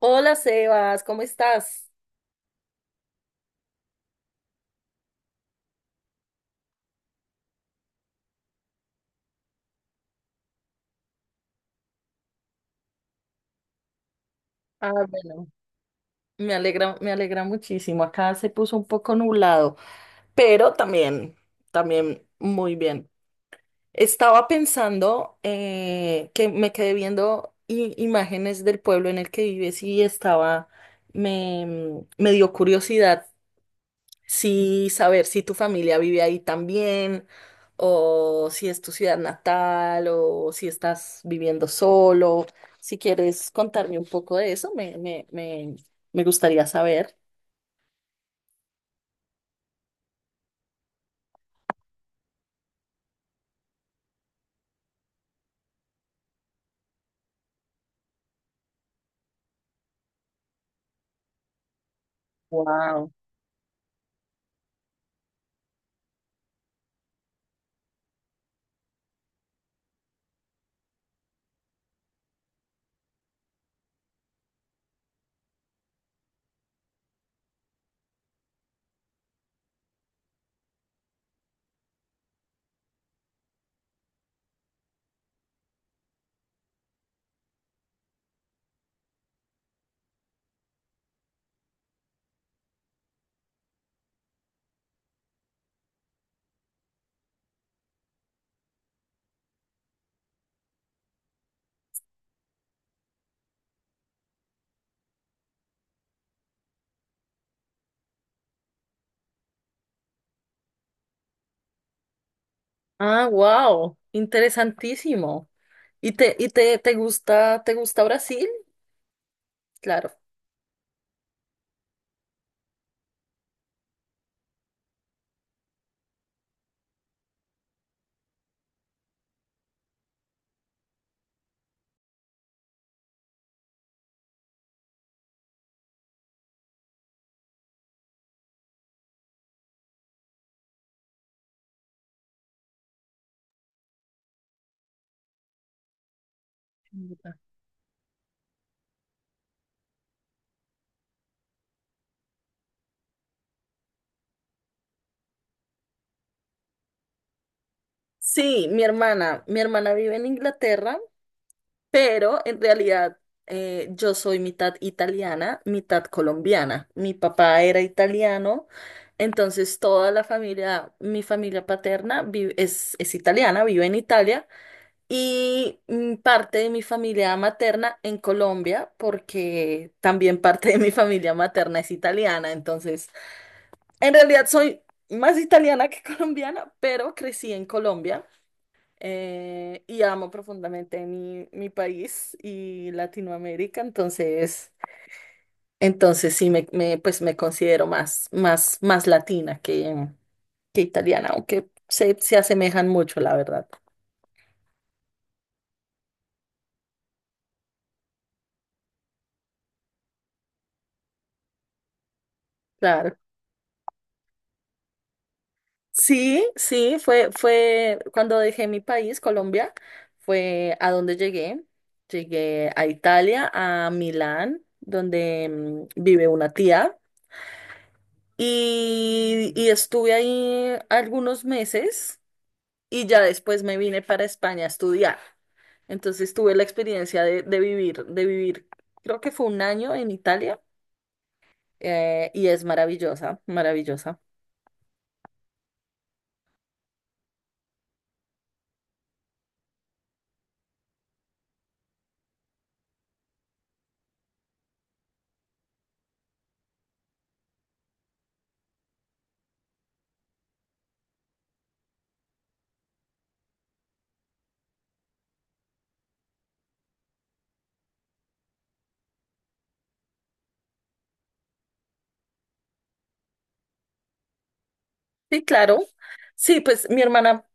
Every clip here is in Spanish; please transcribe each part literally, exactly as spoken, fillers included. Hola Sebas, ¿cómo estás? Ah, bueno. Me alegra, me alegra muchísimo. Acá se puso un poco nublado, pero también, también muy bien. Estaba pensando eh, que me quedé viendo i- imágenes del pueblo en el que vives y estaba, me, me dio curiosidad. Sí, saber si tu familia vive ahí también, o si es tu ciudad natal, o si estás viviendo solo. Si quieres contarme un poco de eso, me, me, me, me gustaría saber. Wow. Ah, wow. Interesantísimo. ¿Y te, y te, te gusta, te gusta Brasil? Claro. Bogotá. Sí, mi hermana, mi hermana vive en Inglaterra. Pero en realidad eh, yo soy mitad italiana, mitad colombiana. Mi papá era italiano, entonces toda la familia, mi familia paterna vi- es, es italiana, vive en Italia, y mm, parte de mi familia materna en Colombia, porque también parte de mi familia materna es italiana. Entonces, en realidad soy más italiana que colombiana, pero crecí en Colombia, eh, y amo profundamente mi, mi país y Latinoamérica, entonces, entonces sí me, me, pues me considero más, más, más latina que, que italiana, aunque se, se asemejan mucho, la verdad. Claro. Sí, sí, fue, fue cuando dejé mi país, Colombia, fue a donde llegué. Llegué a Italia, a Milán, donde mm, vive una tía, y, y estuve ahí algunos meses. Y ya después me vine para España a estudiar. Entonces tuve la experiencia de, de vivir, de vivir, creo que fue un año en Italia, eh, y es maravillosa, maravillosa. Sí, claro. Sí, pues mi hermana,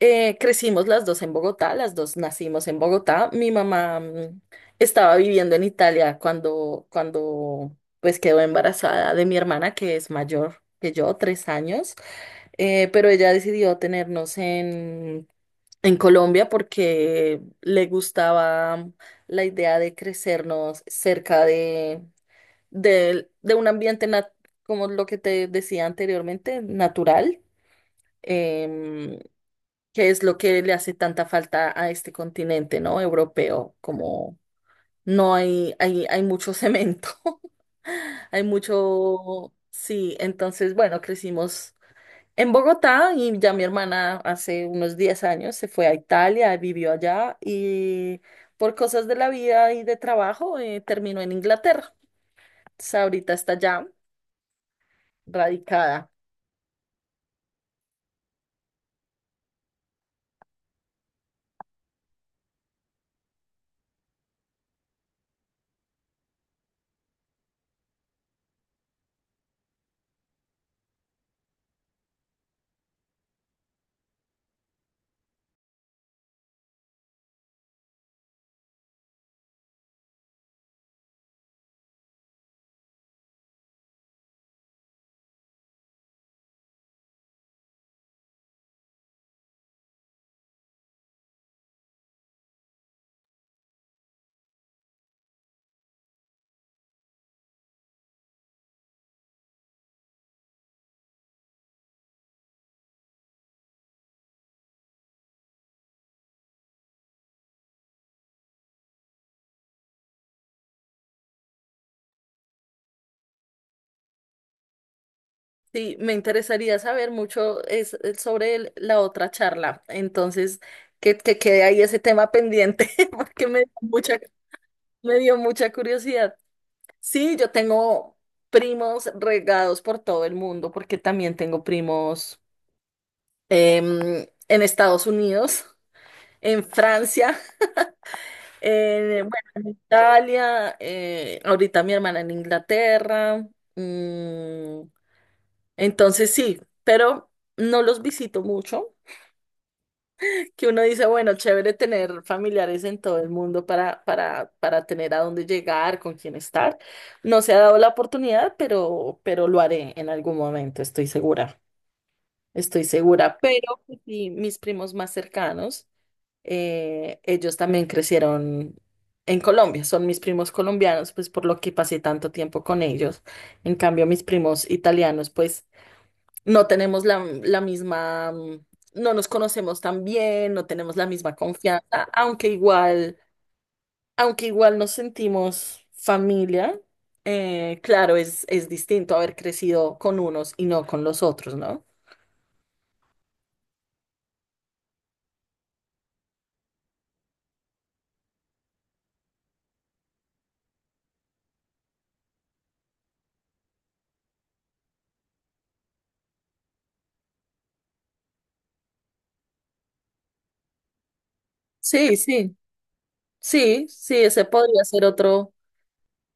eh, crecimos las dos en Bogotá, las dos nacimos en Bogotá. Mi mamá mm, estaba viviendo en Italia cuando, cuando pues quedó embarazada de mi hermana, que es mayor que yo, tres años. Eh, pero ella decidió tenernos en en Colombia porque le gustaba la idea de crecernos cerca de, de de un ambiente, nat- como lo que te decía anteriormente, natural, em, que es lo que le hace tanta falta a este continente, ¿no? Europeo, como no hay, hay, hay mucho cemento, hay mucho, sí, entonces, bueno, crecimos en Bogotá, y ya mi hermana hace unos diez años se fue a Italia, vivió allá y por cosas de la vida y de trabajo eh, terminó en Inglaterra. Entonces, ahorita está allá radicada. Sí, me interesaría saber mucho es, es sobre el- la otra charla. Entonces, que, que quede ahí ese tema pendiente porque me dio mucha, me dio mucha curiosidad. Sí, yo tengo primos regados por todo el mundo porque también tengo primos em, en Estados Unidos, en Francia, en, bueno, en Italia, eh, ahorita mi hermana en Inglaterra. mm, entonces sí, pero no los visito mucho, que uno dice, bueno, chévere tener familiares en todo el mundo para, para, para tener a dónde llegar, con quién estar. No se ha dado la oportunidad, pero, pero lo haré en algún momento, estoy segura. Estoy segura, pero sí, mis primos más cercanos. Eh, ellos también crecieron en Colombia, son mis primos colombianos, pues por lo que pasé tanto tiempo con ellos. En cambio, mis primos italianos, pues no tenemos la, la misma, mm, no nos conocemos tan bien, no tenemos la misma confianza, aunque igual, aunque igual nos sentimos familia. Eh, claro, es, es distinto haber crecido con unos y no con los otros, ¿no? Sí, sí, sí, sí, ese podría ser otro.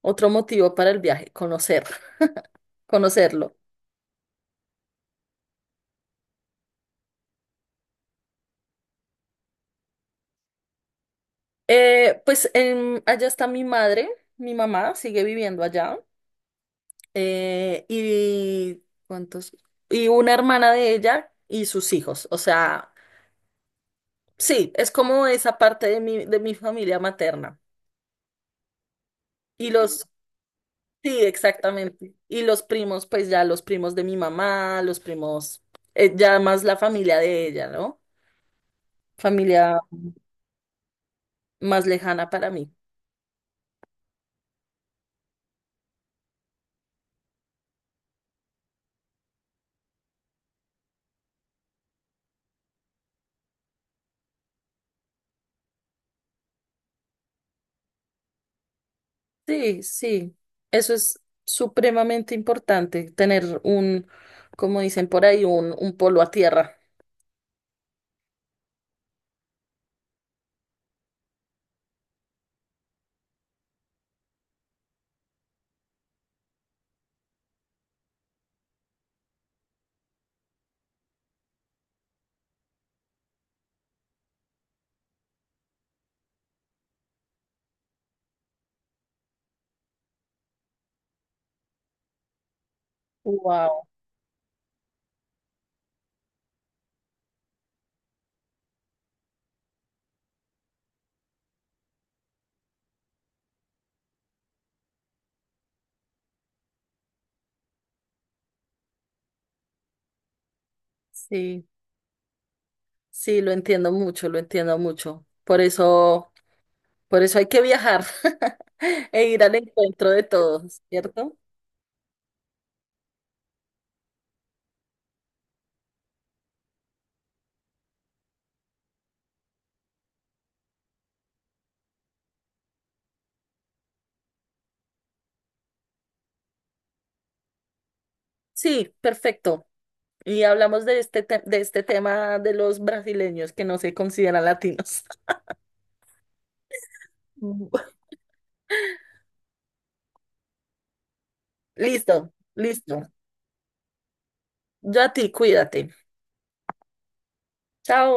Otro motivo para el viaje, conocer, conocerlo. Eh, pues em, allá está mi madre, mi mamá sigue viviendo allá. Eh, y ¿cuántos? Y una hermana de ella y sus hijos. O sea, sí, es como esa parte de mi, de mi familia materna. Y los, sí, exactamente. Y los primos, pues ya los primos de mi mamá, los primos, eh, ya más la familia de ella, ¿no? Familia más lejana para mí. Sí, sí, eso es supremamente importante, tener un, como dicen por ahí, un, un polo a tierra. Wow. Sí, sí, lo entiendo mucho, lo entiendo mucho. Por eso, por eso hay que viajar e ir al encuentro de todos, ¿cierto? Sí, perfecto. Y hablamos de este, te- de este tema de los brasileños que no se consideran latinos. Listo, listo. Yo a ti, cuídate. Chao.